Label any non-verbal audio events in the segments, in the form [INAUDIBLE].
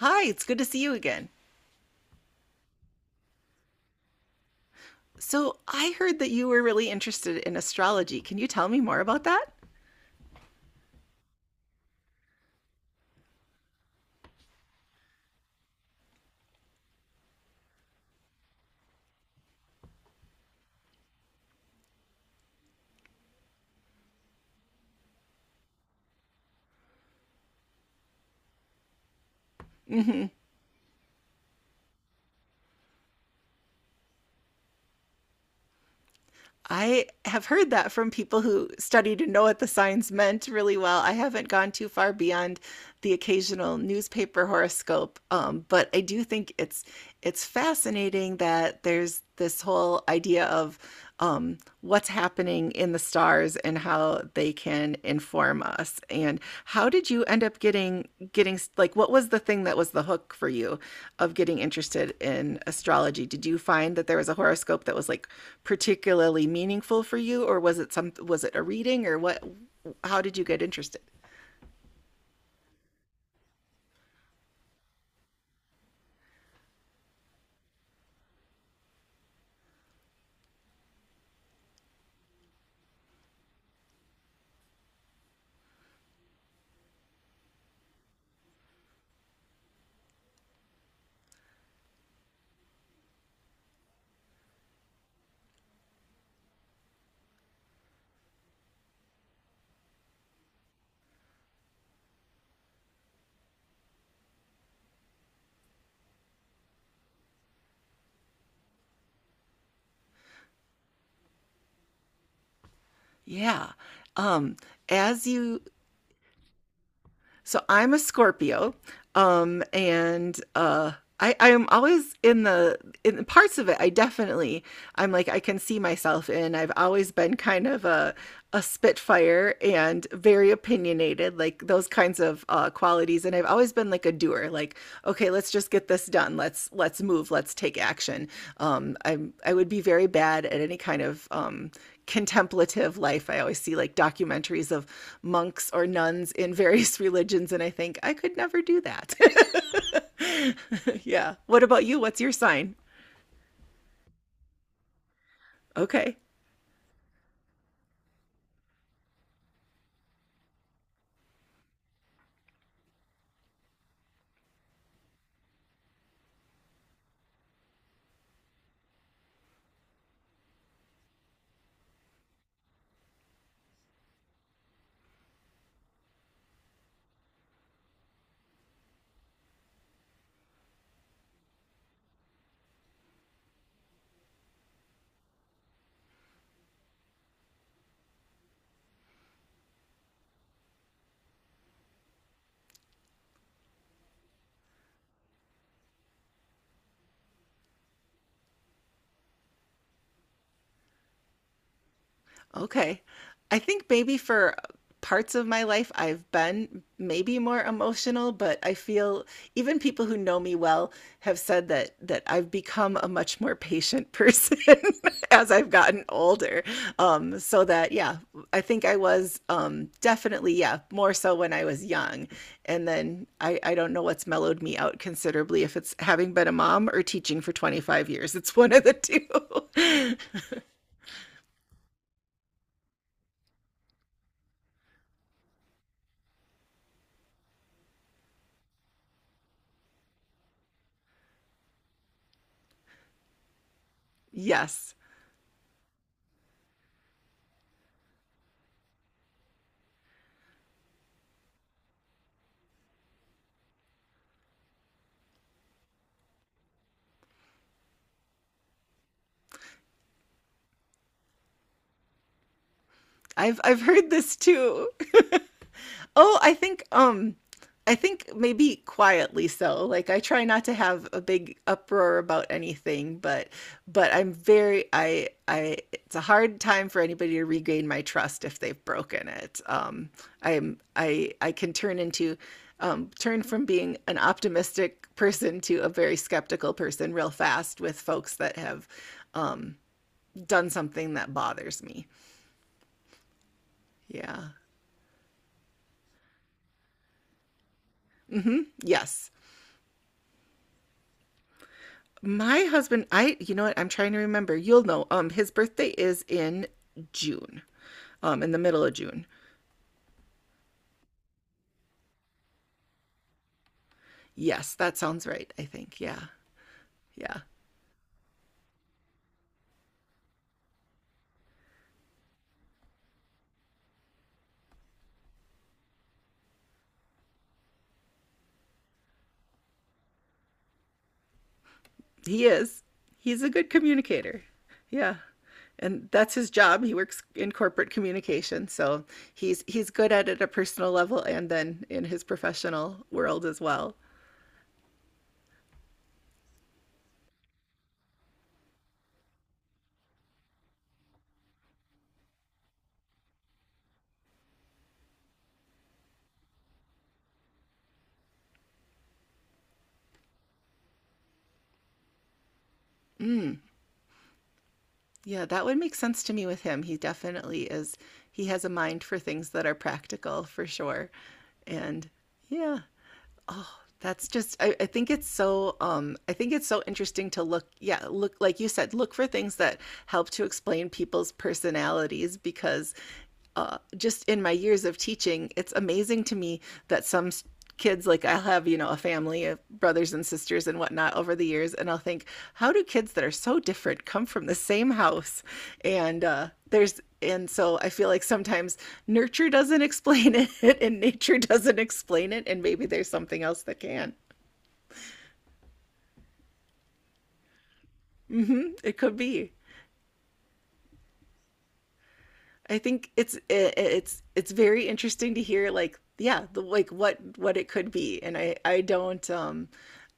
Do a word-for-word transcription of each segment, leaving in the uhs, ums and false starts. Hi, it's good to see you again. So, I heard that you were really interested in astrology. Can you tell me more about that? I have heard that from people who studied and know what the signs meant really well. I haven't gone too far beyond the occasional newspaper horoscope, um, but I do think it's it's fascinating that there's this whole idea of um, what's happening in the stars and how they can inform us. And how did you end up getting getting like what was the thing that was the hook for you of getting interested in astrology? Did you find that there was a horoscope that was like particularly meaningful for you, or was it some was it a reading, or what? How did you get interested? Yeah. Um, as you So I'm a Scorpio, um, and uh, I I am always in the in the parts of it. I definitely I'm like I can see myself in. I've always been kind of a a spitfire and very opinionated, like those kinds of uh, qualities. And I've always been like a doer. Like, okay, let's just get this done. Let's let's move, let's take action. Um i i would be very bad at any kind of um contemplative life. I always see like documentaries of monks or nuns in various [LAUGHS] religions, and I think I could never do that. [LAUGHS] Yeah, what about you? What's your sign? Okay. Okay. I think maybe for parts of my life, I've been maybe more emotional, but I feel even people who know me well have said that that I've become a much more patient person [LAUGHS] as I've gotten older. Um, so that, yeah, I think I was um, definitely, yeah, more so when I was young. And then I, I don't know what's mellowed me out considerably, if it's having been a mom or teaching for twenty-five years. It's one of the two. [LAUGHS] Yes. I've I've heard this too. [LAUGHS] Oh, I think um I think maybe quietly so. Like I try not to have a big uproar about anything, but but I'm very I I it's a hard time for anybody to regain my trust if they've broken it. Um I'm I I can turn into um, turn from being an optimistic person to a very skeptical person real fast with folks that have done something that bothers me. Yeah. Hmm. Yes. My husband, I you know what? I'm trying to remember. You'll know. Um, his birthday is in June. Um, in the middle of June. Yes, that sounds right, I think. Yeah. Yeah. He is. He's a good communicator. Yeah. And that's his job. He works in corporate communication, so he's he's good at it at a personal level and then in his professional world as well. Mm. Yeah, that would make sense to me with him. He definitely is, he has a mind for things that are practical for sure. And yeah, oh, that's just, I, I think it's so, um, I think it's so interesting to look, yeah, look, like you said, look for things that help to explain people's personalities because uh, just in my years of teaching, it's amazing to me that some s- kids, like I'll have, you know, a family family of brothers and sisters and whatnot over the years, and I'll think, how do kids that are so different come from the same house? And uh, there's, and so I feel like sometimes nurture doesn't [LAUGHS] explain it and nature doesn't explain it, and maybe there's something else that can it could be. I think it's it, it's it's very interesting to hear like yeah the, like what what it could be. And I I don't um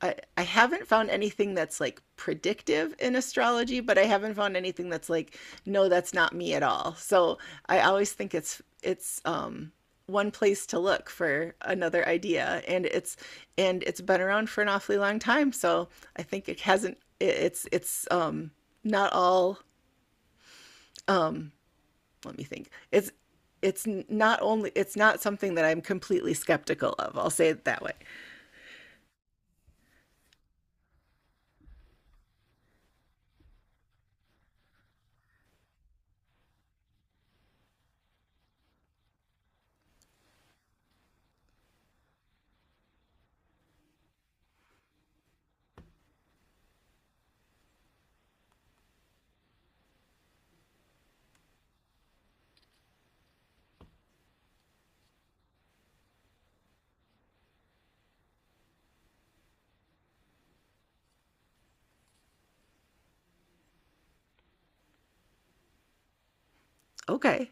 I I haven't found anything that's like predictive in astrology, but I haven't found anything that's like, no, that's not me at all. So I always think it's it's um one place to look for another idea. And it's and it's been around for an awfully long time. So I think it hasn't it, it's it's um not all, let me think. It's it's not only it's not something that I'm completely skeptical of. I'll say it that way. Okay.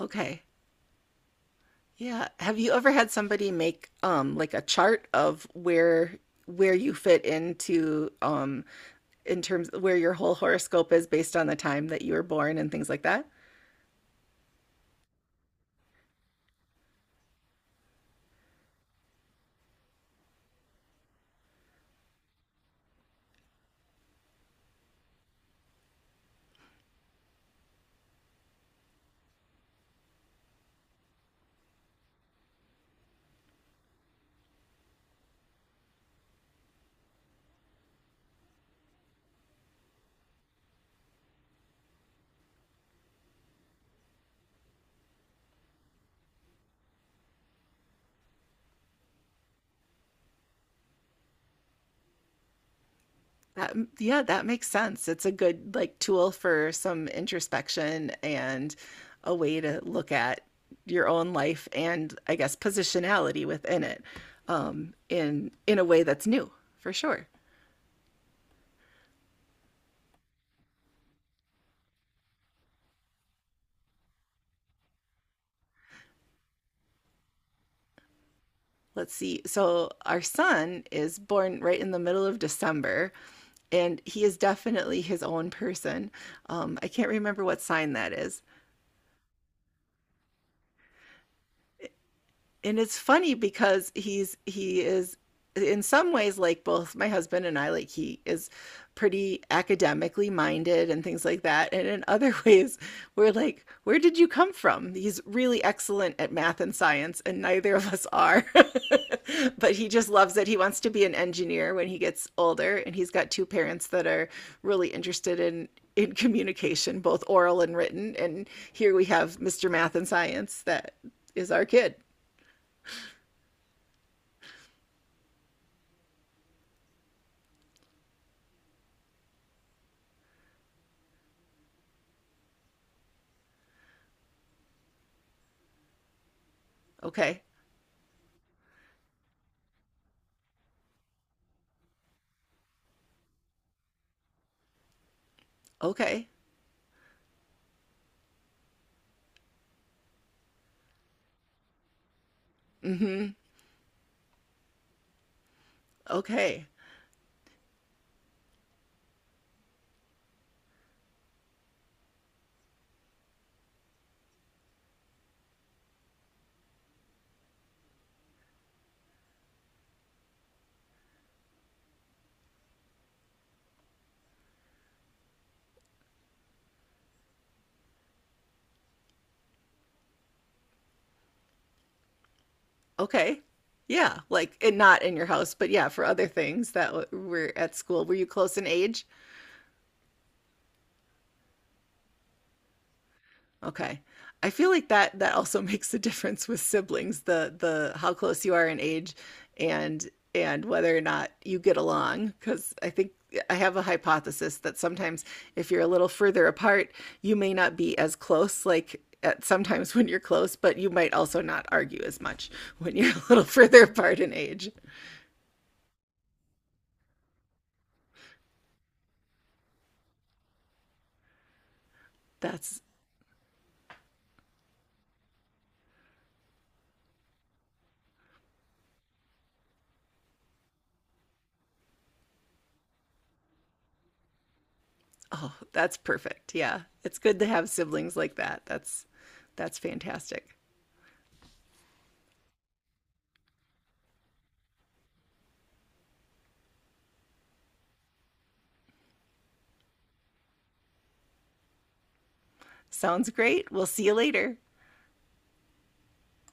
Okay. Yeah. Have you ever had somebody make um like a chart of where where you fit into um in terms where your whole horoscope is based on the time that you were born and things like that? That, yeah, that makes sense. It's a good like tool for some introspection and a way to look at your own life and I guess positionality within it, um, in in a way that's new for sure. Let's see. So our son is born right in the middle of December, and he is definitely his own person. Um, I can't remember what sign that is, and it's funny because he's he is in some ways like both my husband and I. Like he is pretty academically minded and things like that, and in other [LAUGHS] ways we're like, where did you come from? He's really excellent at math and science and neither of us are. [LAUGHS] But he just loves it. He wants to be an engineer when he gets older, and he's got two parents that are really interested in in communication, both oral and written, and here we have mister Math and Science that is our kid. Okay. Okay. Mm-hmm. Okay. Okay. Yeah. Like, and not in your house, but yeah, for other things that w- were at school. Were you close in age? Okay. I feel like that that also [LAUGHS] makes a difference with siblings, the the how close you are in age and and whether or not you get along, because I think I have a hypothesis that sometimes if you're a little further apart, you may not be as close, like at sometimes when you're close, but you might also not argue as much when you're [LAUGHS] a little further apart in age. That's oh, that's perfect. Yeah. It's good to have siblings like that. That's that's fantastic. Sounds great. We'll see you later.